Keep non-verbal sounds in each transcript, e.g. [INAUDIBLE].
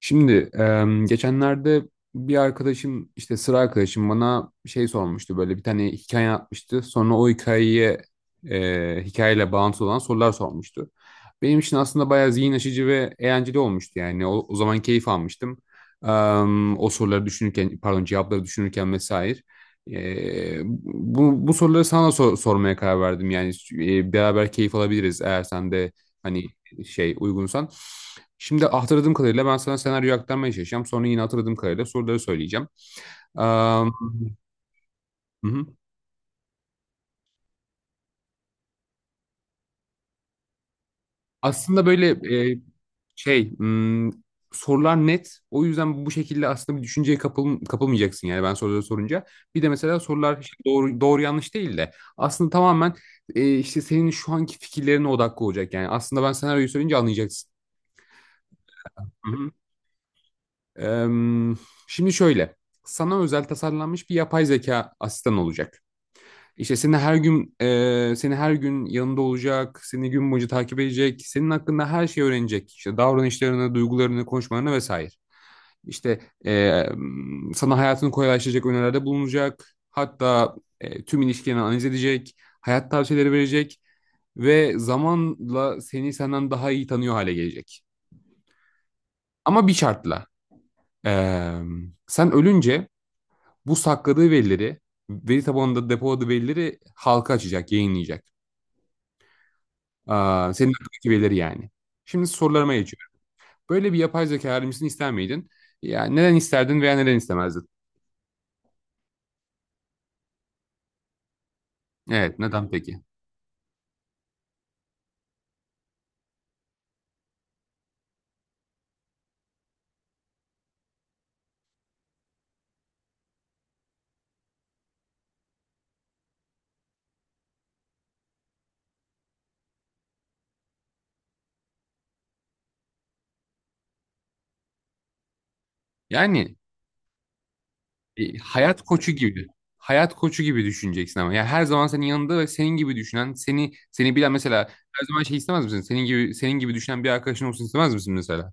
Şimdi geçenlerde bir arkadaşım işte sıra arkadaşım bana şey sormuştu böyle bir tane hikaye atmıştı. Sonra o hikayeye hikayeyle bağlantılı olan sorular sormuştu. Benim için aslında bayağı zihin açıcı ve eğlenceli olmuştu yani. O zaman keyif almıştım. O soruları düşünürken pardon cevapları düşünürken vesaire. Bu soruları sana da sormaya karar verdim yani beraber keyif alabiliriz eğer sen de hani şey uygunsan. Şimdi hatırladığım kadarıyla ben sana senaryoyu aktarmaya çalışacağım. Sonra yine hatırladığım kadarıyla soruları söyleyeceğim. Eee, hı hı. Aslında böyle e, şey sorular net. O yüzden bu şekilde aslında bir düşünceye kapılmayacaksın yani ben soruları sorunca. Bir de mesela sorular işte doğru yanlış değil de aslında tamamen işte senin şu anki fikirlerine odaklı olacak yani. Aslında ben senaryoyu söyleyince anlayacaksın. Hı hı. Eee, şimdi şöyle sana özel tasarlanmış bir yapay zeka asistan olacak. İşte seni her gün seni her gün yanında olacak, seni gün boyunca takip edecek, senin hakkında her şeyi öğrenecek. İşte davranışlarını, duygularını, konuşmalarını vesaire. İşte e, sana hayatını kolaylaştıracak önerilerde bulunacak. Hatta tüm ilişkilerini analiz edecek, hayat tavsiyeleri verecek ve zamanla seni senden daha iyi tanıyor hale gelecek. Ama bir şartla. e, Sen ölünce bu sakladığı verileri, veri tabanında depoladığı verileri halka açacak, yayınlayacak. Aa, senin aklına gelir yani. Şimdi sorularıma geçiyorum. Böyle bir yapay zeka öğrencisini ister miydin? Yani neden isterdin veya neden istemezdin? Evet, neden peki? Yani hayat koçu gibi. Hayat koçu gibi düşüneceksin ama. Yani her zaman senin yanında ve senin gibi düşünen, seni seni bilen mesela her zaman şey istemez misin? Senin gibi düşünen bir arkadaşın olsun istemez misin mesela?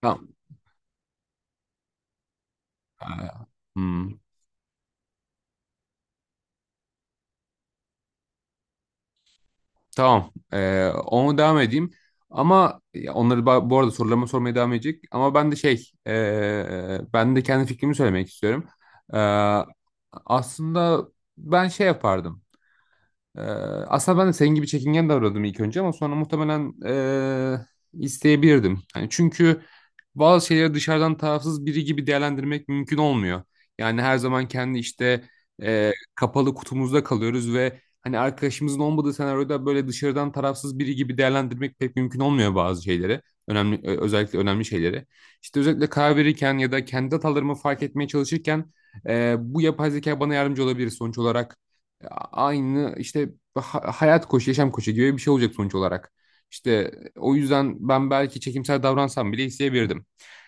Tamam. Aa, hmm. Tamam. Onu devam edeyim. Ama ya onları bu arada sorularımı sormaya devam edecek. Ama ben de ben de kendi fikrimi söylemek istiyorum. Ee, aslında ben şey yapardım. Ee, aslında ben de senin gibi çekingen davranıyordum ilk önce ama sonra muhtemelen isteyebilirdim. Hani çünkü bazı şeyleri dışarıdan tarafsız biri gibi değerlendirmek mümkün olmuyor. Yani her zaman kendi işte kapalı kutumuzda kalıyoruz ve hani arkadaşımızın olmadığı senaryoda böyle dışarıdan tarafsız biri gibi değerlendirmek pek mümkün olmuyor bazı şeyleri. Özellikle önemli şeyleri. İşte özellikle karar verirken ya da kendi hatalarımı fark etmeye çalışırken bu yapay zeka bana yardımcı olabilir sonuç olarak aynı işte hayat koçu, yaşam koçu gibi bir şey olacak sonuç olarak. İşte o yüzden ben belki çekimsel davransam bile isteyebilirdim.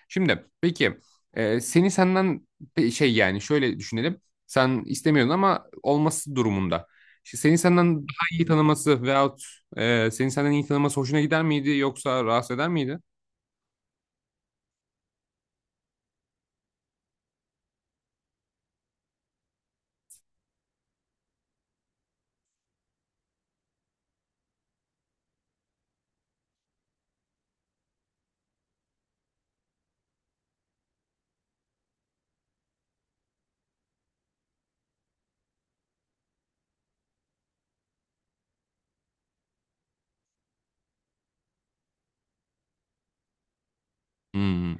Şimdi peki seni senden şey yani şöyle düşünelim. Sen istemiyordun ama olması durumunda. İşte seni senden daha iyi tanıması veyahut seni senden iyi tanıması hoşuna gider miydi yoksa rahatsız eder miydi? Hmm,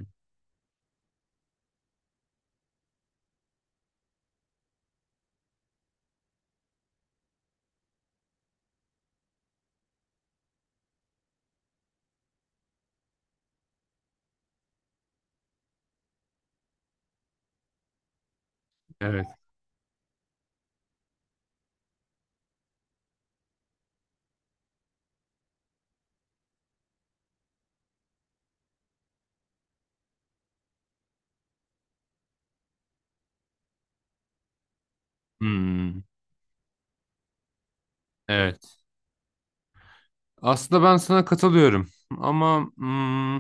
evet. Hmm, evet. Aslında ben sana katılıyorum ama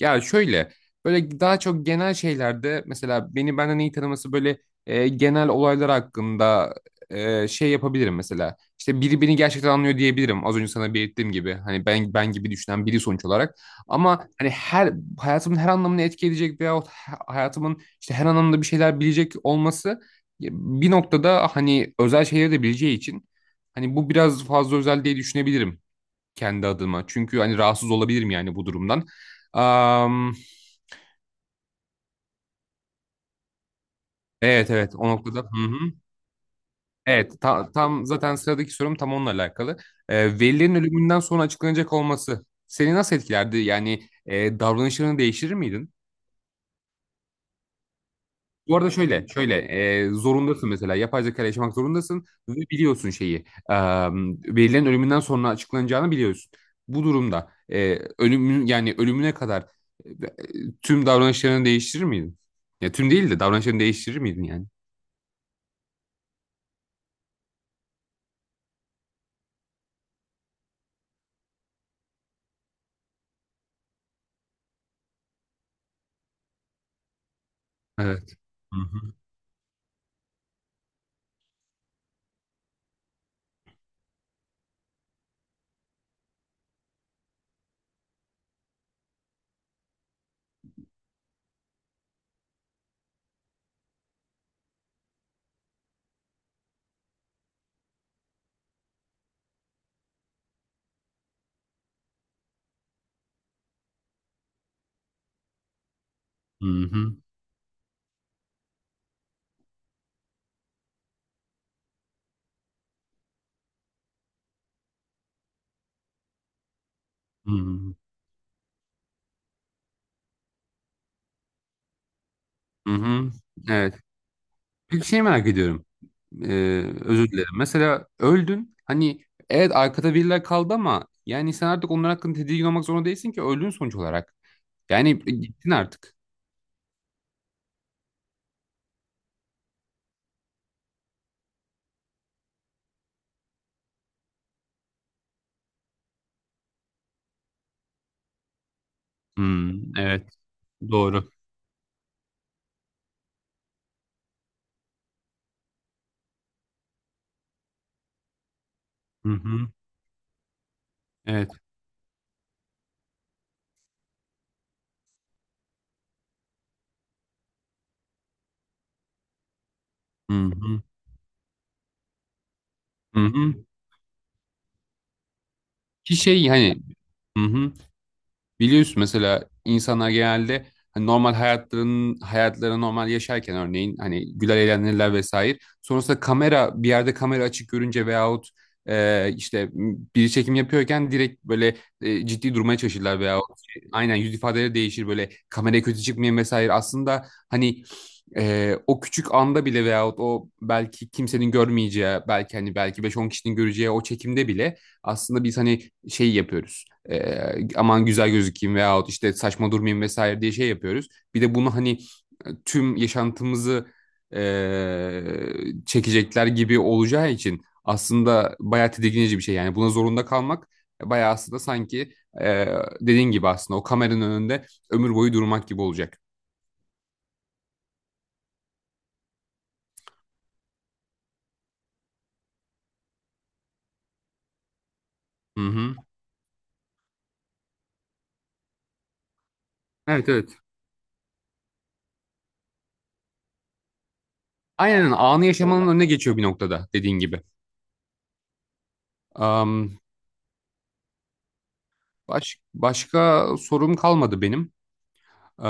ya şöyle böyle daha çok genel şeylerde mesela beni benden iyi tanıması böyle genel olaylar hakkında şey yapabilirim mesela. İşte biri beni gerçekten anlıyor diyebilirim. Az önce sana belirttiğim gibi hani ben gibi düşünen biri sonuç olarak ama hani her hayatımın her anlamını etki edecek veyahut hayatımın işte her anlamda bir şeyler bilecek olması bir noktada hani özel şeyleri de bileceği için hani bu biraz fazla özel diye düşünebilirim kendi adıma. Çünkü hani rahatsız olabilirim yani bu durumdan. Am, evet evet o noktada. Hı hı. Evet tam zaten sıradaki sorum tam onunla alakalı. Velilerin ölümünden sonra açıklanacak olması seni nasıl etkilerdi? Yani davranışlarını değiştirir miydin? Bu arada şöyle zorundasın mesela yapay zeka ile yaşamak zorundasın ve biliyorsun şeyi e, verilerin ölümünden sonra açıklanacağını biliyorsun. Bu durumda ölümün yani ölümüne kadar e, tüm davranışlarını değiştirir miydin? Ya tüm değil de davranışlarını değiştirir miydin yani? Evet. Hı hı. Hı hı. Hı hı. Hı hı. Evet. Peki şey merak ediyorum. Ee, özür dilerim. Mesela öldün. Hani evet arkada biriler kaldı ama yani sen artık onlar hakkında tedirgin olmak zorunda değilsin ki öldün sonuç olarak. Yani gittin artık. Hmm, evet. Doğru. Hı hı. Evet. Hı hı. Hı hı. Ki şey hani hı hı. Biliyorsun mesela insanlar genelde hani normal hayatlarının hayatları normal yaşarken örneğin hani güler eğlenirler vesaire. Sonrasında kamera bir yerde kamera açık görünce veyahut biri çekim yapıyorken direkt böyle ciddi durmaya çalışırlar veyahut aynen yüz ifadeleri değişir böyle kameraya kötü çıkmayın vesaire. Aslında hani o küçük anda bile veyahut o belki kimsenin görmeyeceği belki hani belki beş on kişinin göreceği o çekimde bile aslında biz hani şey yapıyoruz aman güzel gözükeyim veyahut işte saçma durmayayım vesaire diye şey yapıyoruz. Bir de bunu hani tüm yaşantımızı e, çekecekler gibi olacağı için aslında bayağı tedirginici bir şey. Yani buna zorunda kalmak bayağı aslında sanki e, dediğin gibi aslında o kameranın önünde ömür boyu durmak gibi olacak. Hı hı. Evet, evet. Aynen anı yaşamanın önüne geçiyor bir noktada dediğin gibi. Am, başka sorum kalmadı benim.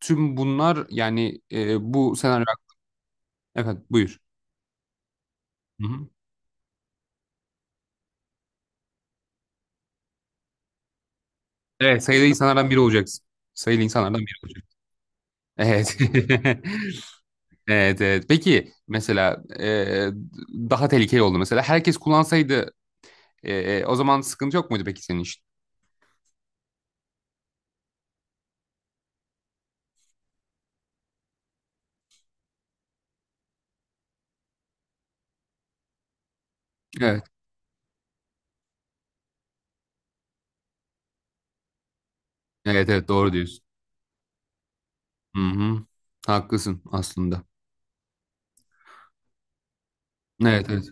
Tüm bunlar yani bu senaryo... Evet buyur. Hı hı. Evet sayılı insanlardan biri olacaksın. Sayılı insanlardan biri olacaksın. Evet. [LAUGHS] Evet, evet. Peki mesela daha tehlikeli oldu mesela. Herkes kullansaydı o zaman sıkıntı yok muydu peki senin için? Evet. Evet, evet, doğru diyorsun. Hı hı. Haklısın aslında. Evet, evet.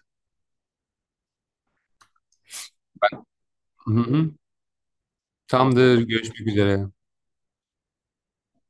Hı hı. Tamamdır. Görüşmek üzere.